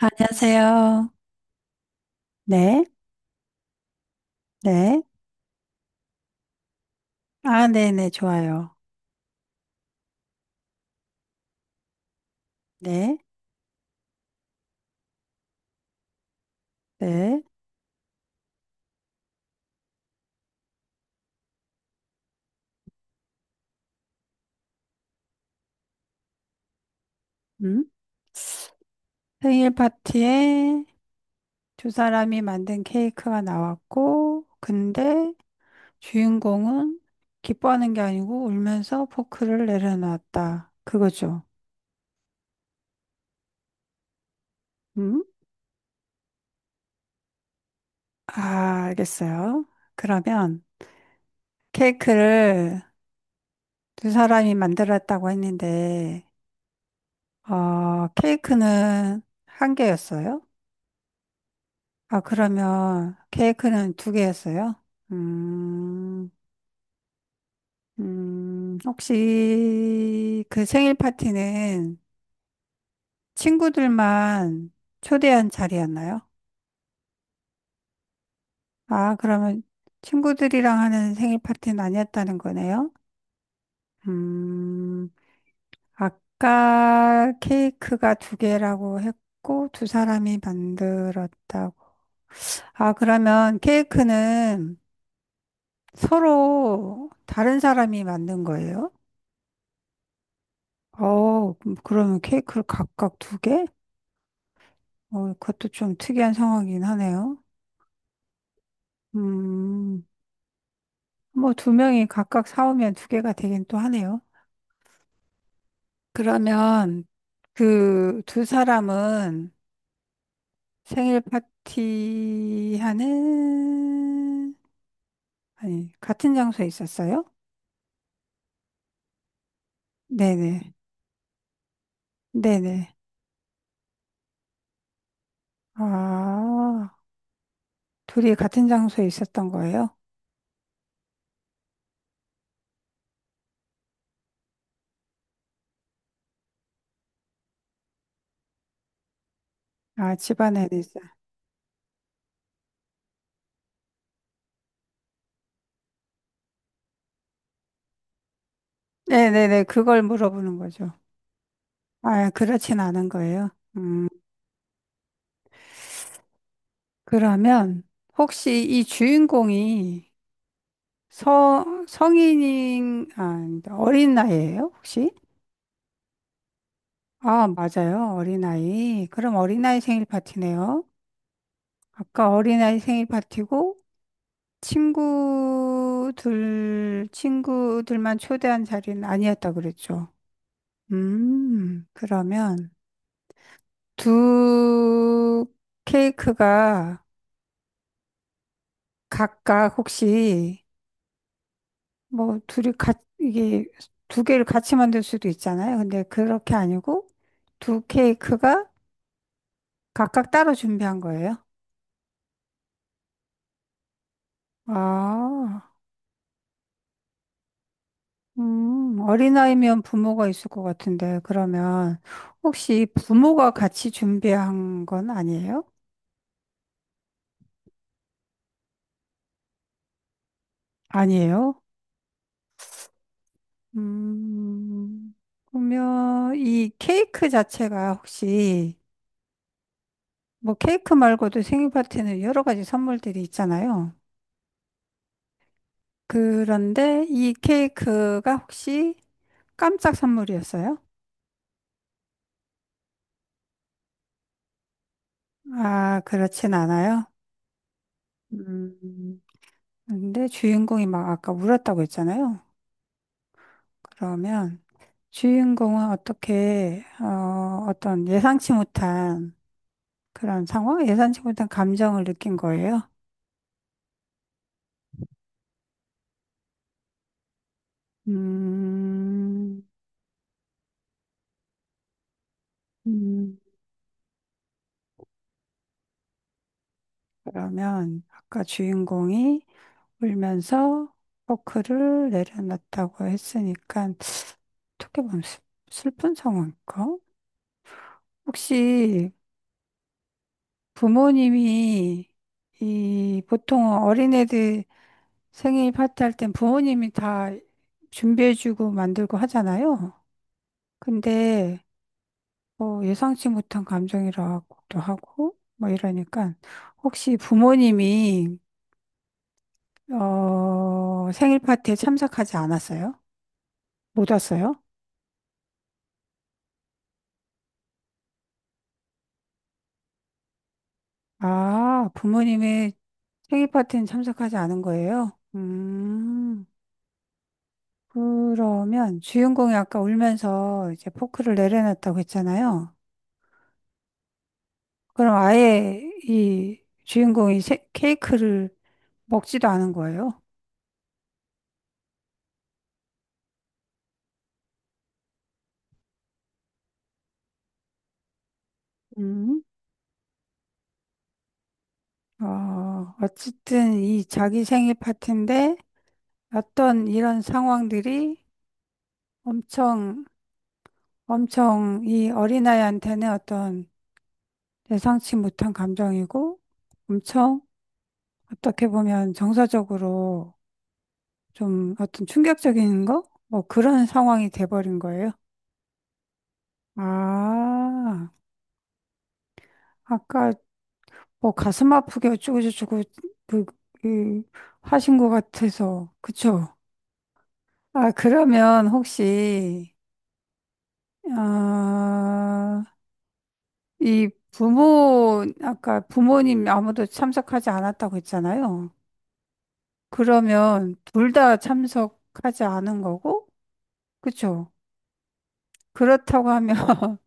안녕하세요. 네, 네. 아, 네, 네, 좋아요. 네, 네. 음. 생일 파티에 두 사람이 만든 케이크가 나왔고, 근데 주인공은 기뻐하는 게 아니고 울면서 포크를 내려놨다. 그거죠. 음? 아, 알겠어요. 그러면 케이크를 두 사람이 만들었다고 했는데, 케이크는 한 개였어요? 아, 그러면 케이크는 두 개였어요? 음, 혹시 그 생일 파티는 친구들만 초대한 자리였나요? 아, 그러면 친구들이랑 하는 생일 파티는 아니었다는 거네요? 음, 아까 케이크가 두 개라고 했고, 두 사람이 만들었다고. 아, 그러면 케이크는 서로 다른 사람이 만든 거예요? 그러면 케이크를 각각 두 개? 그것도 좀 특이한 상황이긴 하네요. 음, 뭐 두 명이 각각 사오면 두 개가 되긴 또 하네요. 그러면 그 두 사람은 생일 파티 하는, 아니, 같은 장소에 있었어요? 네네. 네네. 아, 둘이 같은 장소에 있었던 거예요? 아, 집안에 있어. 네네네. 그걸 물어보는 거죠. 아, 그렇진 않은 거예요. 음, 그러면 혹시 이 주인공이 성인인, 아, 어린 나이예요, 혹시? 아, 맞아요. 어린아이. 그럼 어린아이 생일 파티네요. 아까 어린아이 생일 파티고 친구들만 초대한 자리는 아니었다 그랬죠. 그러면 두 케이크가 각각 혹시 뭐 둘이 같 이게 두 개를 같이 만들 수도 있잖아요. 근데 그렇게 아니고 두 케이크가 각각 따로 준비한 거예요. 아, 어린아이면 부모가 있을 것 같은데 그러면 혹시 부모가 같이 준비한 건 아니에요? 아니에요? 음, 그러면 이 케이크 자체가 혹시 뭐 케이크 말고도 생일 파티는 여러 가지 선물들이 있잖아요. 그런데 이 케이크가 혹시 깜짝 선물이었어요? 아, 그렇진 않아요. 음, 근데 주인공이 막 아까 울었다고 했잖아요. 그러면 주인공은 어떤 예상치 못한 그런 상황? 예상치 못한 감정을 느낀 거예요. 음, 음, 그러면 아까 주인공이 울면서 포크를 내려놨다고 했으니까 어떻게 보면 슬픈 상황일까? 혹시 부모님이 이 보통 어린애들 생일 파티 할 땐 부모님이 다 준비해주고 만들고 하잖아요. 근데 뭐 예상치 못한 감정이라고도 하고 뭐 이러니까 혹시 부모님이 어 생일 파티에 참석하지 않았어요? 못 왔어요? 아, 부모님의 생일 파티는 참석하지 않은 거예요? 음. 그러면 주인공이 아까 울면서 이제 포크를 내려놨다고 했잖아요. 그럼 아예 이 주인공이 케이크를 먹지도 않은 거예요. 음. 어, 어쨌든 이 자기 생일 파티인데 어떤 이런 상황들이 엄청, 엄청 이 어린아이한테는 어떤 예상치 못한 감정이고 엄청 어떻게 보면 정서적으로 좀 어떤 충격적인 거? 뭐 그런 상황이 돼버린 거예요. 아, 아까 뭐 가슴 아프게 어쩌고저쩌고 그, 그 하신 것 같아서 그쵸? 아, 그러면 혹시 아, 이 부모 아까 부모님 아무도 참석하지 않았다고 했잖아요. 그러면 둘 다 참석하지 않은 거고 그쵸? 그렇다고 하면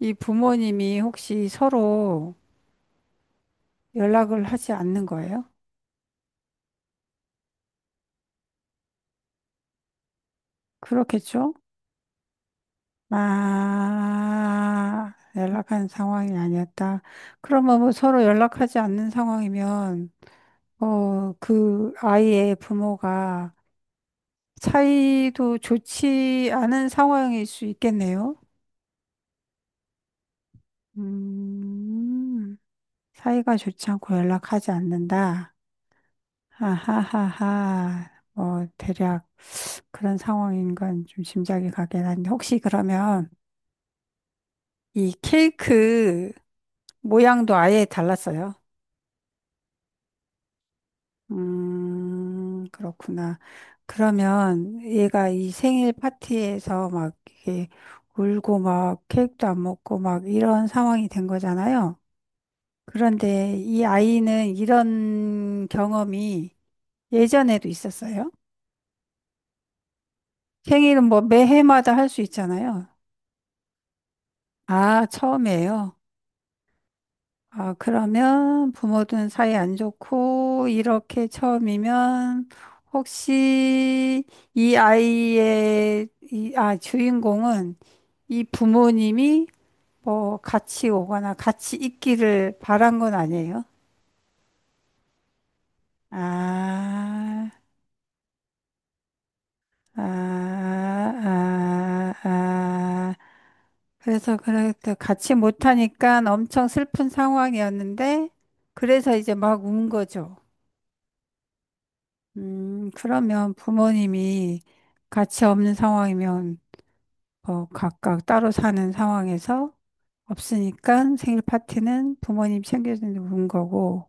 이 부모님이 혹시 서로 연락을 하지 않는 거예요? 그렇겠죠? 아, 연락한 상황이 아니었다. 그러면 뭐 서로 연락하지 않는 상황이면, 어, 그 아이의 부모가 사이도 좋지 않은 상황일 수 있겠네요? 음, 사이가 좋지 않고 연락하지 않는다. 아하하하. 뭐, 대략 그런 상황인 건 좀 짐작이 가긴 한데, 혹시 그러면 이 케이크 모양도 아예 달랐어요. 그렇구나. 그러면 얘가 이 생일 파티에서 막 이게 울고 막 케이크도 안 먹고 막 이런 상황이 된 거잖아요. 그런데 이 아이는 이런 경험이 예전에도 있었어요? 생일은 뭐 매해마다 할 수 있잖아요. 아, 처음이에요. 아, 그러면 부모든 사이 안 좋고, 이렇게 처음이면, 혹시 이 아이의, 이, 아, 주인공은 이 부모님이 뭐 같이 오거나 같이 있기를 바란 건 아니에요? 아, 아. 그래서 그렇게 같이 못하니까 엄청 슬픈 상황이었는데, 그래서 이제 막 운 거죠. 그러면 부모님이 같이 없는 상황이면 뭐 각각 따로 사는 상황에서 없으니까 생일 파티는 부모님 챙겨주는 거고,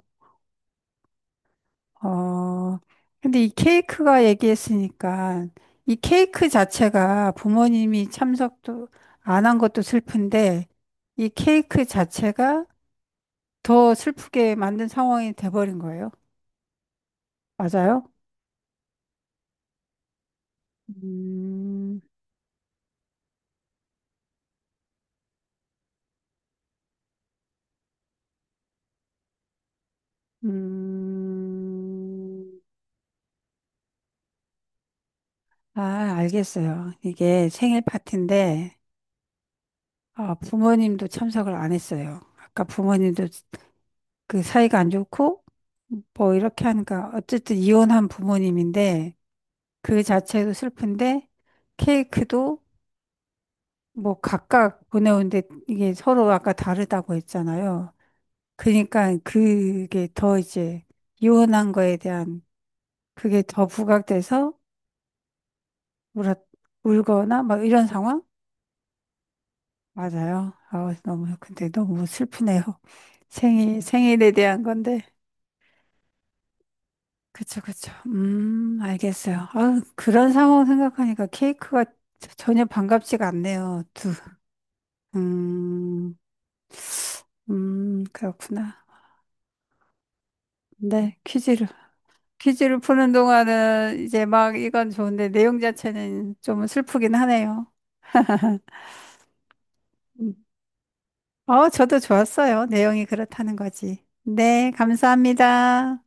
어, 근데 이 케이크가 얘기했으니까 이 케이크 자체가 부모님이 참석도 안 한 것도 슬픈데 이 케이크 자체가 더 슬프게 만든 상황이 돼버린 거예요. 맞아요? 음, 음. 아, 알겠어요. 이게 생일 파티인데, 어, 부모님도 참석을 안 했어요. 아까 부모님도 그 사이가 안 좋고, 뭐 이렇게 하니까, 어쨌든 이혼한 부모님인데, 그 자체도 슬픈데, 케이크도 뭐 각각 보내오는데, 이게 서로 아까 다르다고 했잖아요. 그러니까 이혼한 거에 대한 그게 더 부각돼서 울었, 울거나 막 이런 상황? 맞아요. 근데 너무 슬프네요. 생일에 대한 건데. 그쵸, 그쵸. 알겠어요. 아, 그런 상황 생각하니까 케이크가 전혀 반갑지가 않네요. 두, 음, 그렇구나. 네, 퀴즈를. 퀴즈를 푸는 동안은 이제 막 이건 좋은데 내용 자체는 좀 슬프긴 하네요. 음. 어, 저도 좋았어요. 내용이 그렇다는 거지. 네, 감사합니다.